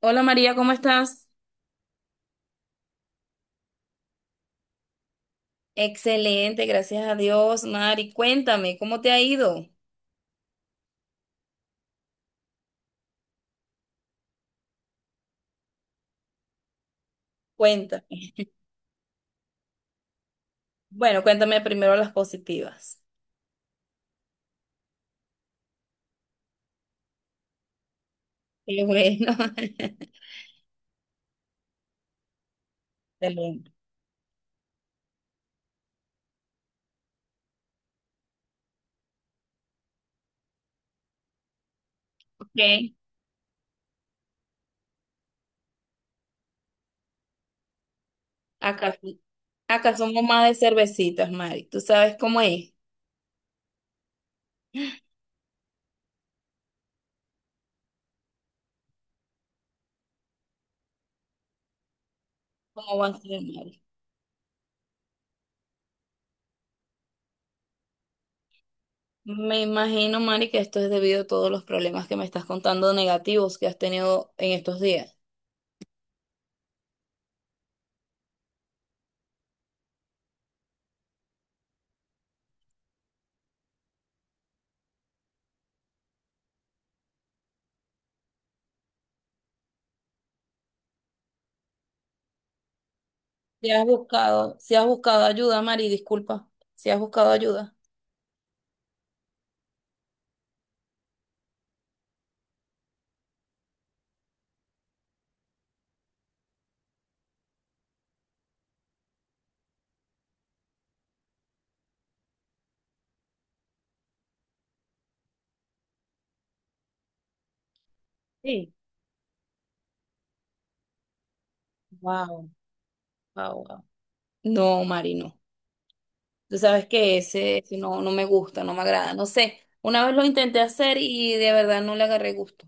Hola María, ¿cómo estás? Excelente, gracias a Dios, Mari. Cuéntame, ¿cómo te ha ido? Cuéntame. Bueno, cuéntame primero las positivas. Qué bueno. Excelente. Ok. Acá, acá somos más de cervecitas, Mari. ¿Tú sabes cómo es? ¿Cómo va a ser, Mari? Me imagino, Mari, que esto es debido a todos los problemas que me estás contando negativos que has tenido en estos días. Si has buscado ayuda, Mari, disculpa. Si has buscado ayuda. Sí. Wow, wow, no, Mari, no. Tú sabes que ese no, no me gusta, no me agrada. No sé, una vez lo intenté hacer y de verdad no le agarré gusto.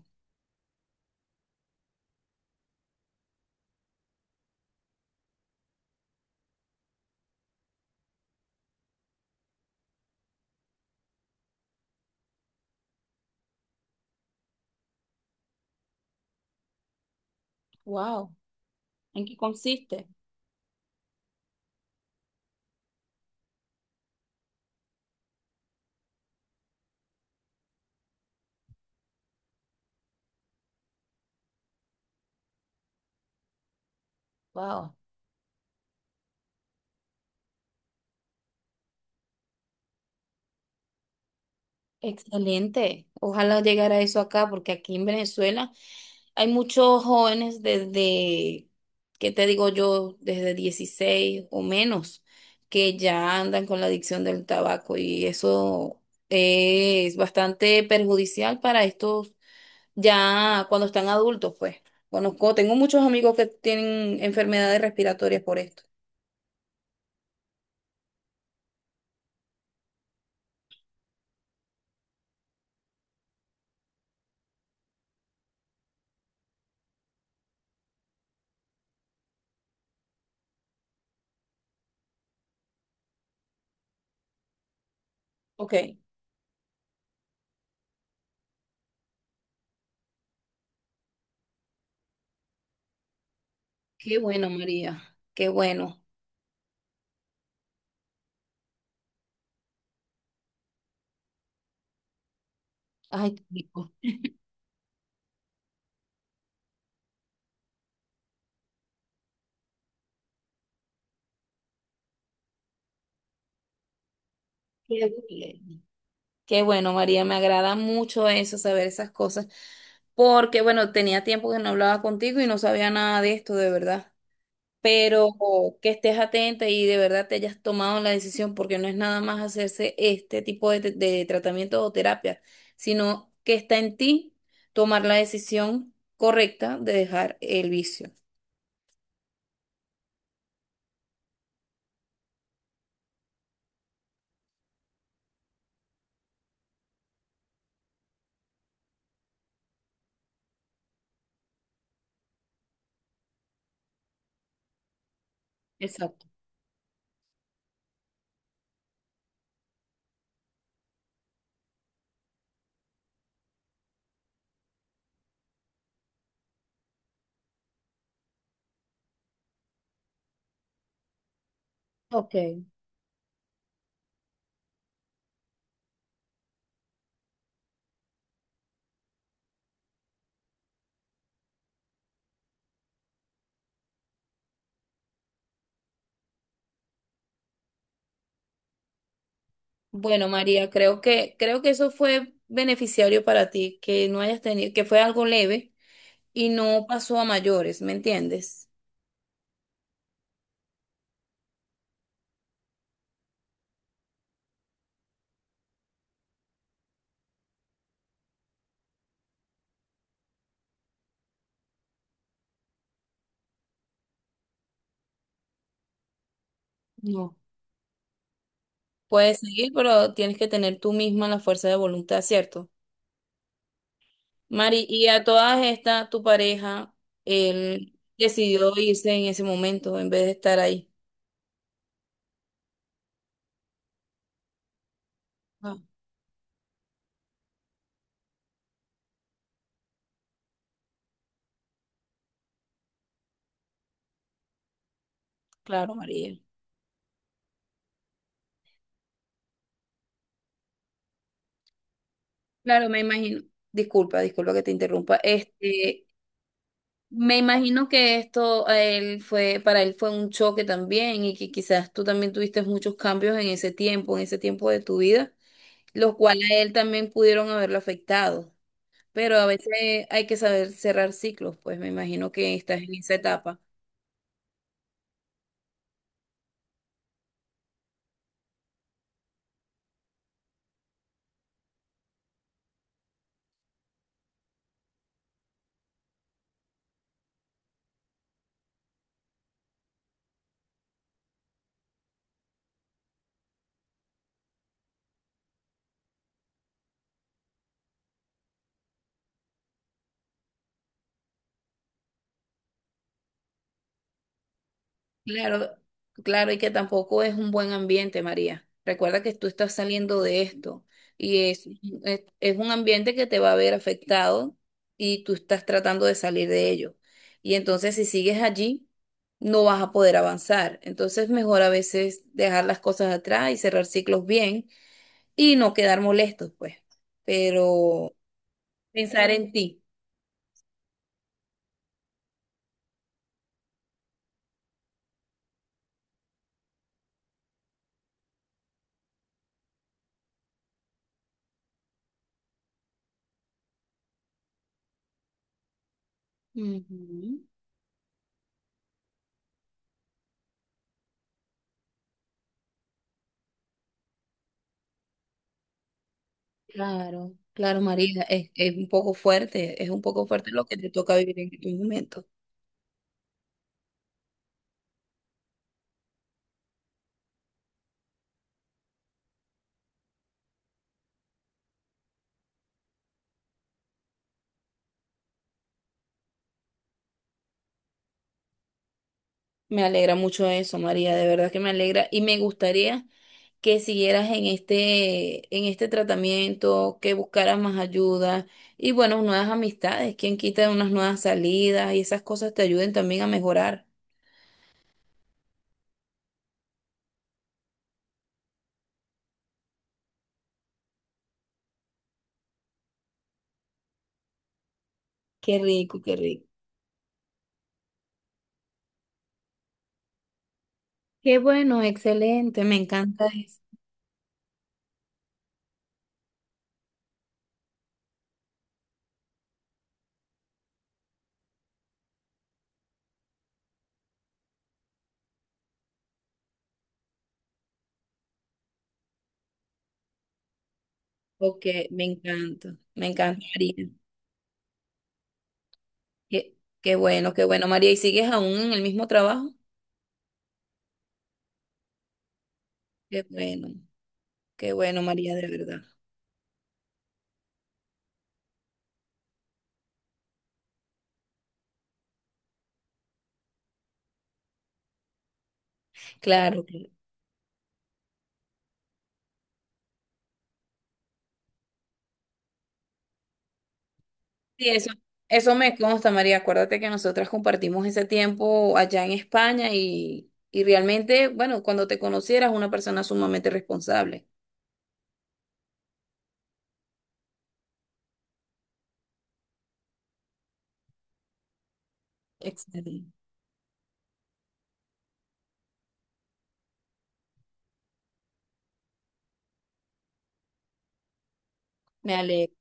Wow, ¿en qué consiste? Wow, excelente. Ojalá llegara eso acá, porque aquí en Venezuela hay muchos jóvenes desde, ¿qué te digo yo? Desde 16 o menos, que ya andan con la adicción del tabaco y eso es bastante perjudicial para estos ya cuando están adultos, pues. Conozco, tengo muchos amigos que tienen enfermedades respiratorias por esto. Ok. Qué bueno, María. Qué bueno. Ay, qué rico. Qué bien. Qué bueno, María. Me agrada mucho eso, saber esas cosas. Porque, bueno, tenía tiempo que no hablaba contigo y no sabía nada de esto, de verdad. Pero que estés atenta y de verdad te hayas tomado la decisión, porque no es nada más hacerse este tipo de tratamiento o terapia, sino que está en ti tomar la decisión correcta de dejar el vicio. Exacto. Ok. Bueno, María, creo que eso fue beneficiario para ti, que no hayas tenido, que fue algo leve y no pasó a mayores, ¿me entiendes? No. Puedes seguir, pero tienes que tener tú misma la fuerza de voluntad, ¿cierto? Mari, y a todas estas, tu pareja, él decidió irse en ese momento en vez de estar ahí. Ah, claro, María. Claro, me imagino. Disculpa, disculpa que te interrumpa. Este, me imagino que esto a él fue, para él fue un choque también y que quizás tú también tuviste muchos cambios en ese tiempo de tu vida, los cuales a él también pudieron haberlo afectado. Pero a veces hay que saber cerrar ciclos, pues me imagino que estás en esa etapa. Claro, claro, y que tampoco es un buen ambiente, María. Recuerda que tú estás saliendo de esto y es un ambiente que te va a ver afectado y tú estás tratando de salir de ello. Y entonces si sigues allí, no vas a poder avanzar. Entonces mejor a veces dejar las cosas atrás y cerrar ciclos bien y no quedar molestos, pues. Pero pensar en ti. Ujú. Claro, claro, María, es un poco fuerte, es un poco fuerte lo que te toca vivir en estos momentos. Me alegra mucho eso, María, de verdad que me alegra y me gustaría que siguieras en este tratamiento, que buscaras más ayuda y bueno, nuevas amistades, quien quita unas nuevas salidas y esas cosas te ayuden también a mejorar. Qué rico, qué rico. Qué bueno, excelente, me encanta eso. Ok, me encanta, María. Qué, qué bueno, María, ¿y sigues aún en el mismo trabajo? Qué bueno, qué bueno, María, de verdad. Claro, claro. Sí, eso me consta, María. Acuérdate que nosotras compartimos ese tiempo allá en España y realmente, bueno, cuando te conocieras, una persona sumamente responsable. Excelente. Me alegro.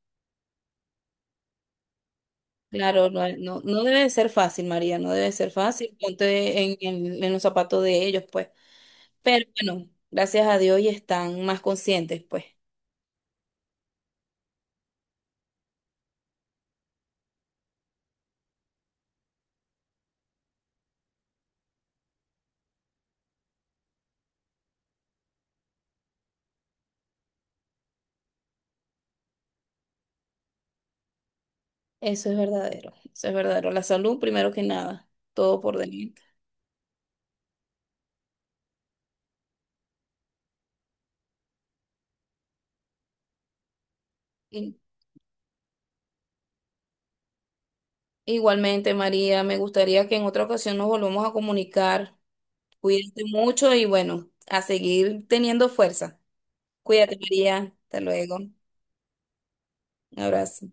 Claro, no, no, no debe de ser fácil, María, no debe de ser fácil. Ponte en los zapatos de ellos, pues. Pero bueno, gracias a Dios y están más conscientes, pues. Eso es verdadero, eso es verdadero. La salud primero que nada, todo por delante. Igualmente, María, me gustaría que en otra ocasión nos volvamos a comunicar. Cuídate mucho y bueno, a seguir teniendo fuerza. Cuídate, María. Hasta luego. Un abrazo.